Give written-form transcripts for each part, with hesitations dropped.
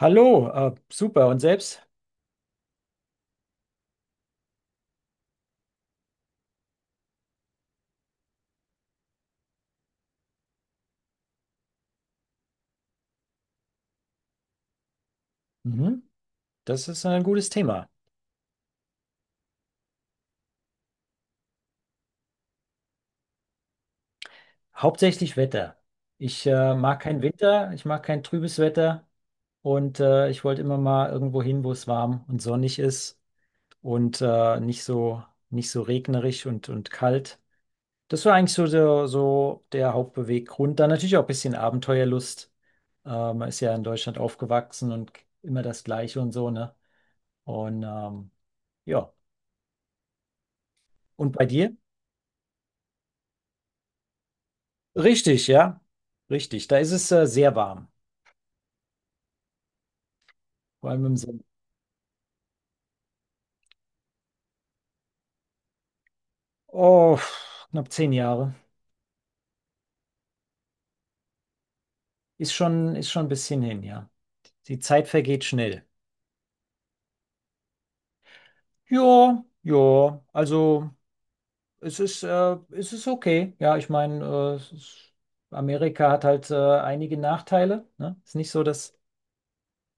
Hallo, super. Und selbst? Mhm, das ist ein gutes Thema. Hauptsächlich Wetter. Ich mag keinen Winter, ich mag kein trübes Wetter und ich wollte immer mal irgendwo hin, wo es warm und sonnig ist und nicht so regnerisch und kalt. Das war eigentlich so der Hauptbeweggrund. Dann natürlich auch ein bisschen Abenteuerlust. Man ist ja in Deutschland aufgewachsen und immer das Gleiche und so, ne? Und ja. Und bei dir? Richtig, ja. Richtig. Da ist es sehr warm. Vor allem im Sommer. Oh, knapp zehn Jahre. Ist schon ein bisschen hin, ja. Die Zeit vergeht schnell. Ja, ja. Also es ist okay. Ja, ich meine, Amerika hat halt einige Nachteile. Ne? Ist nicht so das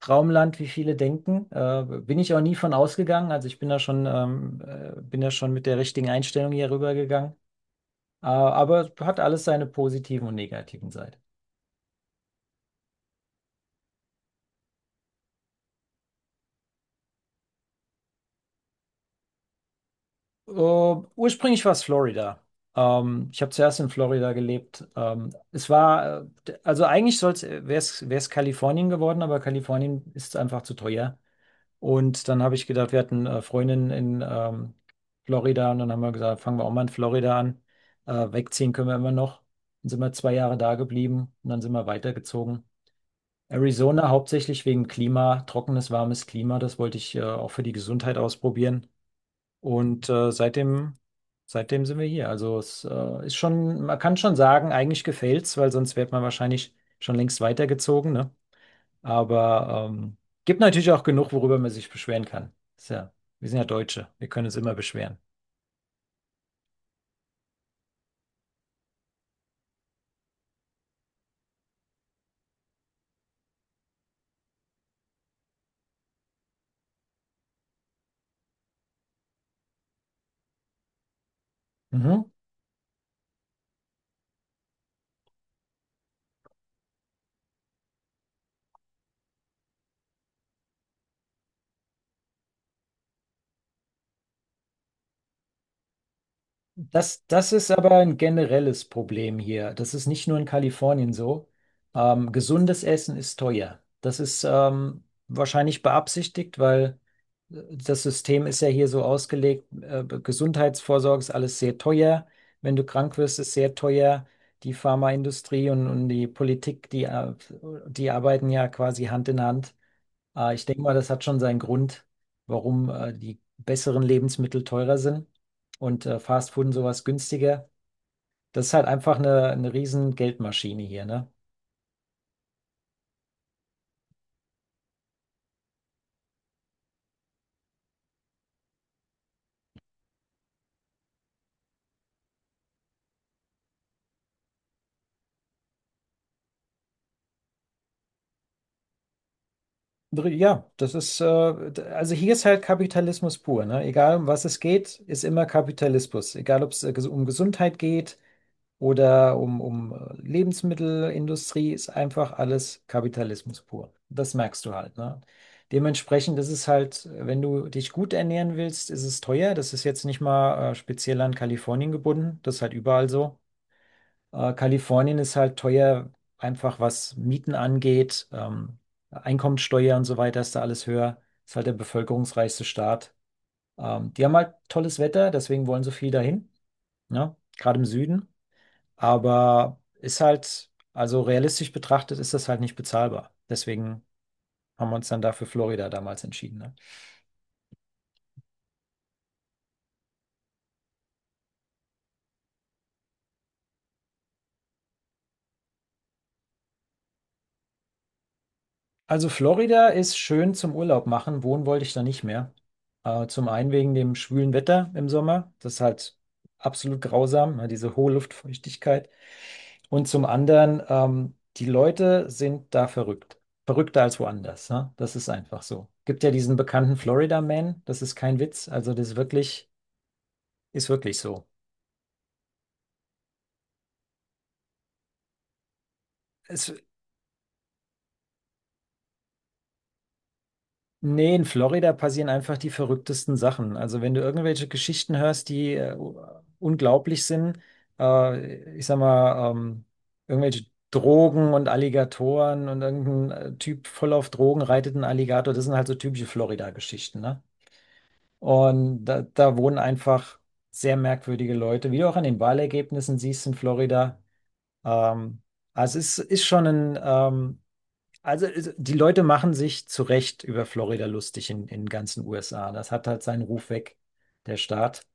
Traumland, wie viele denken. Bin ich auch nie von ausgegangen. Also ich bin da schon mit der richtigen Einstellung hier rübergegangen. Aber hat alles seine positiven und negativen Seiten. Äh, ursprünglich war es Florida. Ich habe zuerst in Florida gelebt. Also eigentlich wäre es Kalifornien geworden, aber Kalifornien ist einfach zu teuer. Und dann habe ich gedacht, wir hatten Freundinnen in Florida und dann haben wir gesagt, fangen wir auch mal in Florida an. Wegziehen können wir immer noch. Dann sind wir zwei Jahre da geblieben und dann sind wir weitergezogen. Arizona hauptsächlich wegen Klima, trockenes, warmes Klima. Das wollte ich auch für die Gesundheit ausprobieren. Und seitdem sind wir hier. Also es ist schon, man kann schon sagen, eigentlich gefällt's, weil sonst wäre man wahrscheinlich schon längst weitergezogen, ne? Aber gibt natürlich auch genug, worüber man sich beschweren kann. Ist ja, wir sind ja Deutsche, wir können uns immer beschweren. Mhm. Das ist aber ein generelles Problem hier. Das ist nicht nur in Kalifornien so. Gesundes Essen ist teuer. Das ist wahrscheinlich beabsichtigt, weil das System ist ja hier so ausgelegt, Gesundheitsvorsorge ist alles sehr teuer. Wenn du krank wirst, ist sehr teuer. Die Pharmaindustrie und die Politik, die arbeiten ja quasi Hand in Hand. Ich denke mal, das hat schon seinen Grund, warum die besseren Lebensmittel teurer sind und Fast Food und sowas günstiger. Das ist halt einfach eine riesen Geldmaschine hier, ne? Ja, also hier ist halt Kapitalismus pur, ne? Egal um was es geht, ist immer Kapitalismus. Egal ob es um Gesundheit geht oder um Lebensmittelindustrie, ist einfach alles Kapitalismus pur. Das merkst du halt, ne? Dementsprechend ist es halt, wenn du dich gut ernähren willst, ist es teuer. Das ist jetzt nicht mal speziell an Kalifornien gebunden. Das ist halt überall so. Kalifornien ist halt teuer, einfach was Mieten angeht, Einkommensteuer und so weiter ist da alles höher. Ist halt der bevölkerungsreichste Staat. Die haben halt tolles Wetter, deswegen wollen so viel dahin, ne? Gerade im Süden. Aber ist halt, also realistisch betrachtet, ist das halt nicht bezahlbar. Deswegen haben wir uns dann dafür Florida damals entschieden. Ne? Also Florida ist schön zum Urlaub machen. Wohnen wollte ich da nicht mehr. Zum einen wegen dem schwülen Wetter im Sommer. Das ist halt absolut grausam, ne, diese hohe Luftfeuchtigkeit. Und zum anderen, die Leute sind da verrückt. Verrückter als woanders. Ne? Das ist einfach so. Gibt ja diesen bekannten Florida Man. Das ist kein Witz. Also ist wirklich so. Es, Nee, in Florida passieren einfach die verrücktesten Sachen. Also wenn du irgendwelche Geschichten hörst, die unglaublich sind, äh, ich sag mal, ähm, irgendwelche Drogen und Alligatoren und irgendein Typ voll auf Drogen reitet einen Alligator, das sind halt so typische Florida-Geschichten, ne? Und da wohnen einfach sehr merkwürdige Leute, wie du auch an den Wahlergebnissen siehst in Florida. Ähm, also ist schon ein die Leute machen sich zu Recht über Florida lustig in den ganzen USA. Das hat halt seinen Ruf weg, der Staat.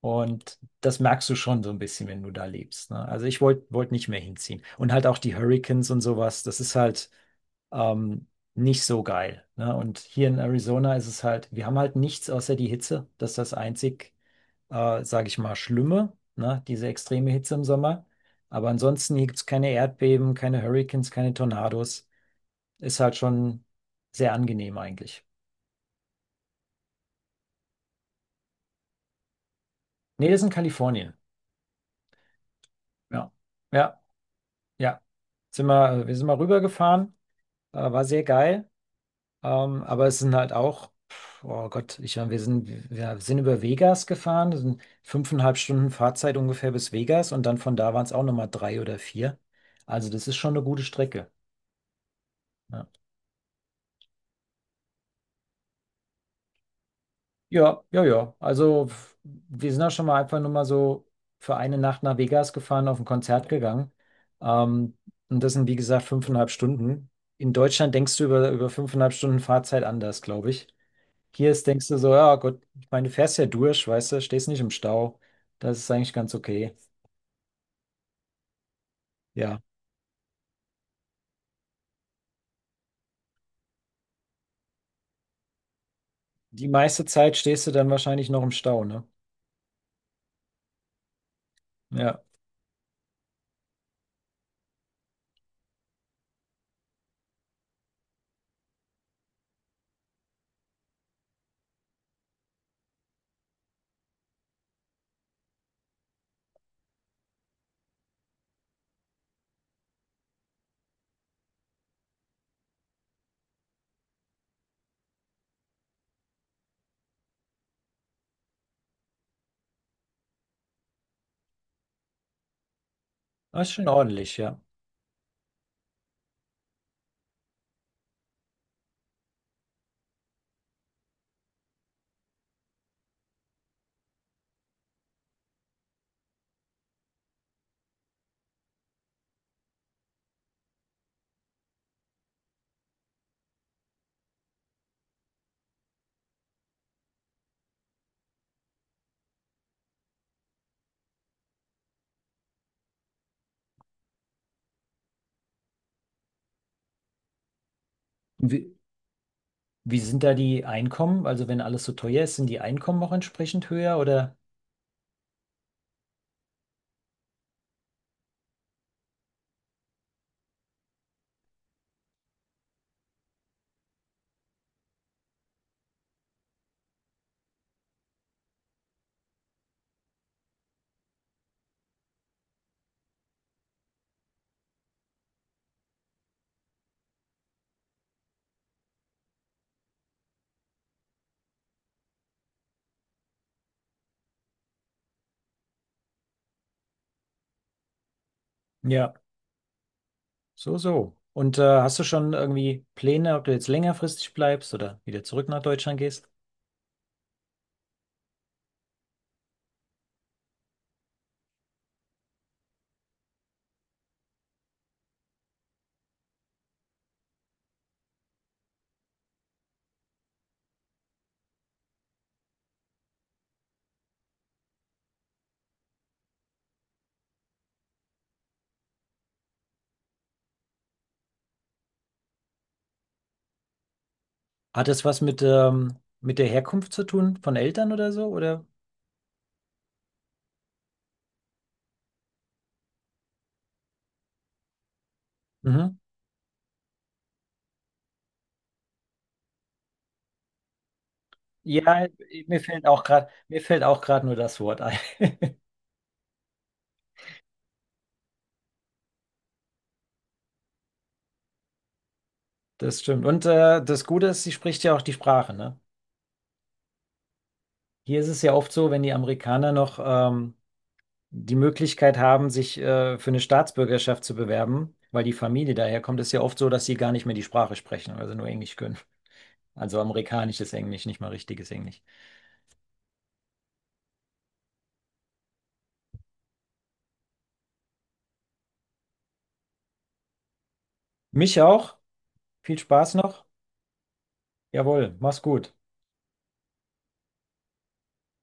Und das merkst du schon so ein bisschen, wenn du da lebst. Ne? Also ich wollt nicht mehr hinziehen. Und halt auch die Hurricanes und sowas, das ist halt ähm, nicht so geil. Ne? Und hier in Arizona ist es halt, wir haben halt nichts außer die Hitze. Das ist das einzig, sage ich mal, Schlimme, ne? Diese extreme Hitze im Sommer. Aber ansonsten hier gibt es keine Erdbeben, keine Hurricanes, keine Tornados. Ist halt schon sehr angenehm eigentlich. Nee, das ist in Kalifornien. Ja, ja, ja. Wir sind mal rübergefahren, war sehr geil. Aber es sind halt auch, pf, oh Gott, ich meine, wir sind über Vegas gefahren. Das sind fünfeinhalb Stunden Fahrzeit ungefähr bis Vegas und dann von da waren es auch nochmal drei oder vier. Also das ist schon eine gute Strecke. Ne? Ja, ja, ja. Also wir sind auch schon mal einfach nur mal so für eine Nacht nach Vegas gefahren, auf ein Konzert gegangen. Ähm, und das sind, wie gesagt, fünfeinhalb Stunden. In Deutschland denkst du über fünfeinhalb Stunden Fahrzeit anders, glaube ich. Hier ist, denkst du so, ja Gott, ich meine, du fährst ja durch, weißt du, stehst nicht im Stau. Das ist eigentlich ganz okay. Ja. Die meiste Zeit stehst du dann wahrscheinlich noch im Stau, ne? Ja. Das ist schon ordentlich, ja. Wie, wie sind da die Einkommen? Also wenn alles so teuer ist, sind die Einkommen auch entsprechend höher oder? Ja, so, so. Und hast du schon irgendwie Pläne, ob du jetzt längerfristig bleibst oder wieder zurück nach Deutschland gehst? Hat das was mit der Herkunft zu tun von Eltern oder so? Oder? Mhm. Ja, mir fällt auch gerade nur das Wort ein. Das stimmt. Und das Gute ist, sie spricht ja auch die Sprache, ne? Hier ist es ja oft so, wenn die Amerikaner noch die Möglichkeit haben, sich für eine Staatsbürgerschaft zu bewerben, weil die Familie daherkommt, ist ja oft so, dass sie gar nicht mehr die Sprache sprechen, also nur Englisch können. Also amerikanisches Englisch, nicht mal richtiges Englisch. Mich auch. Viel Spaß noch. Jawohl, mach's gut.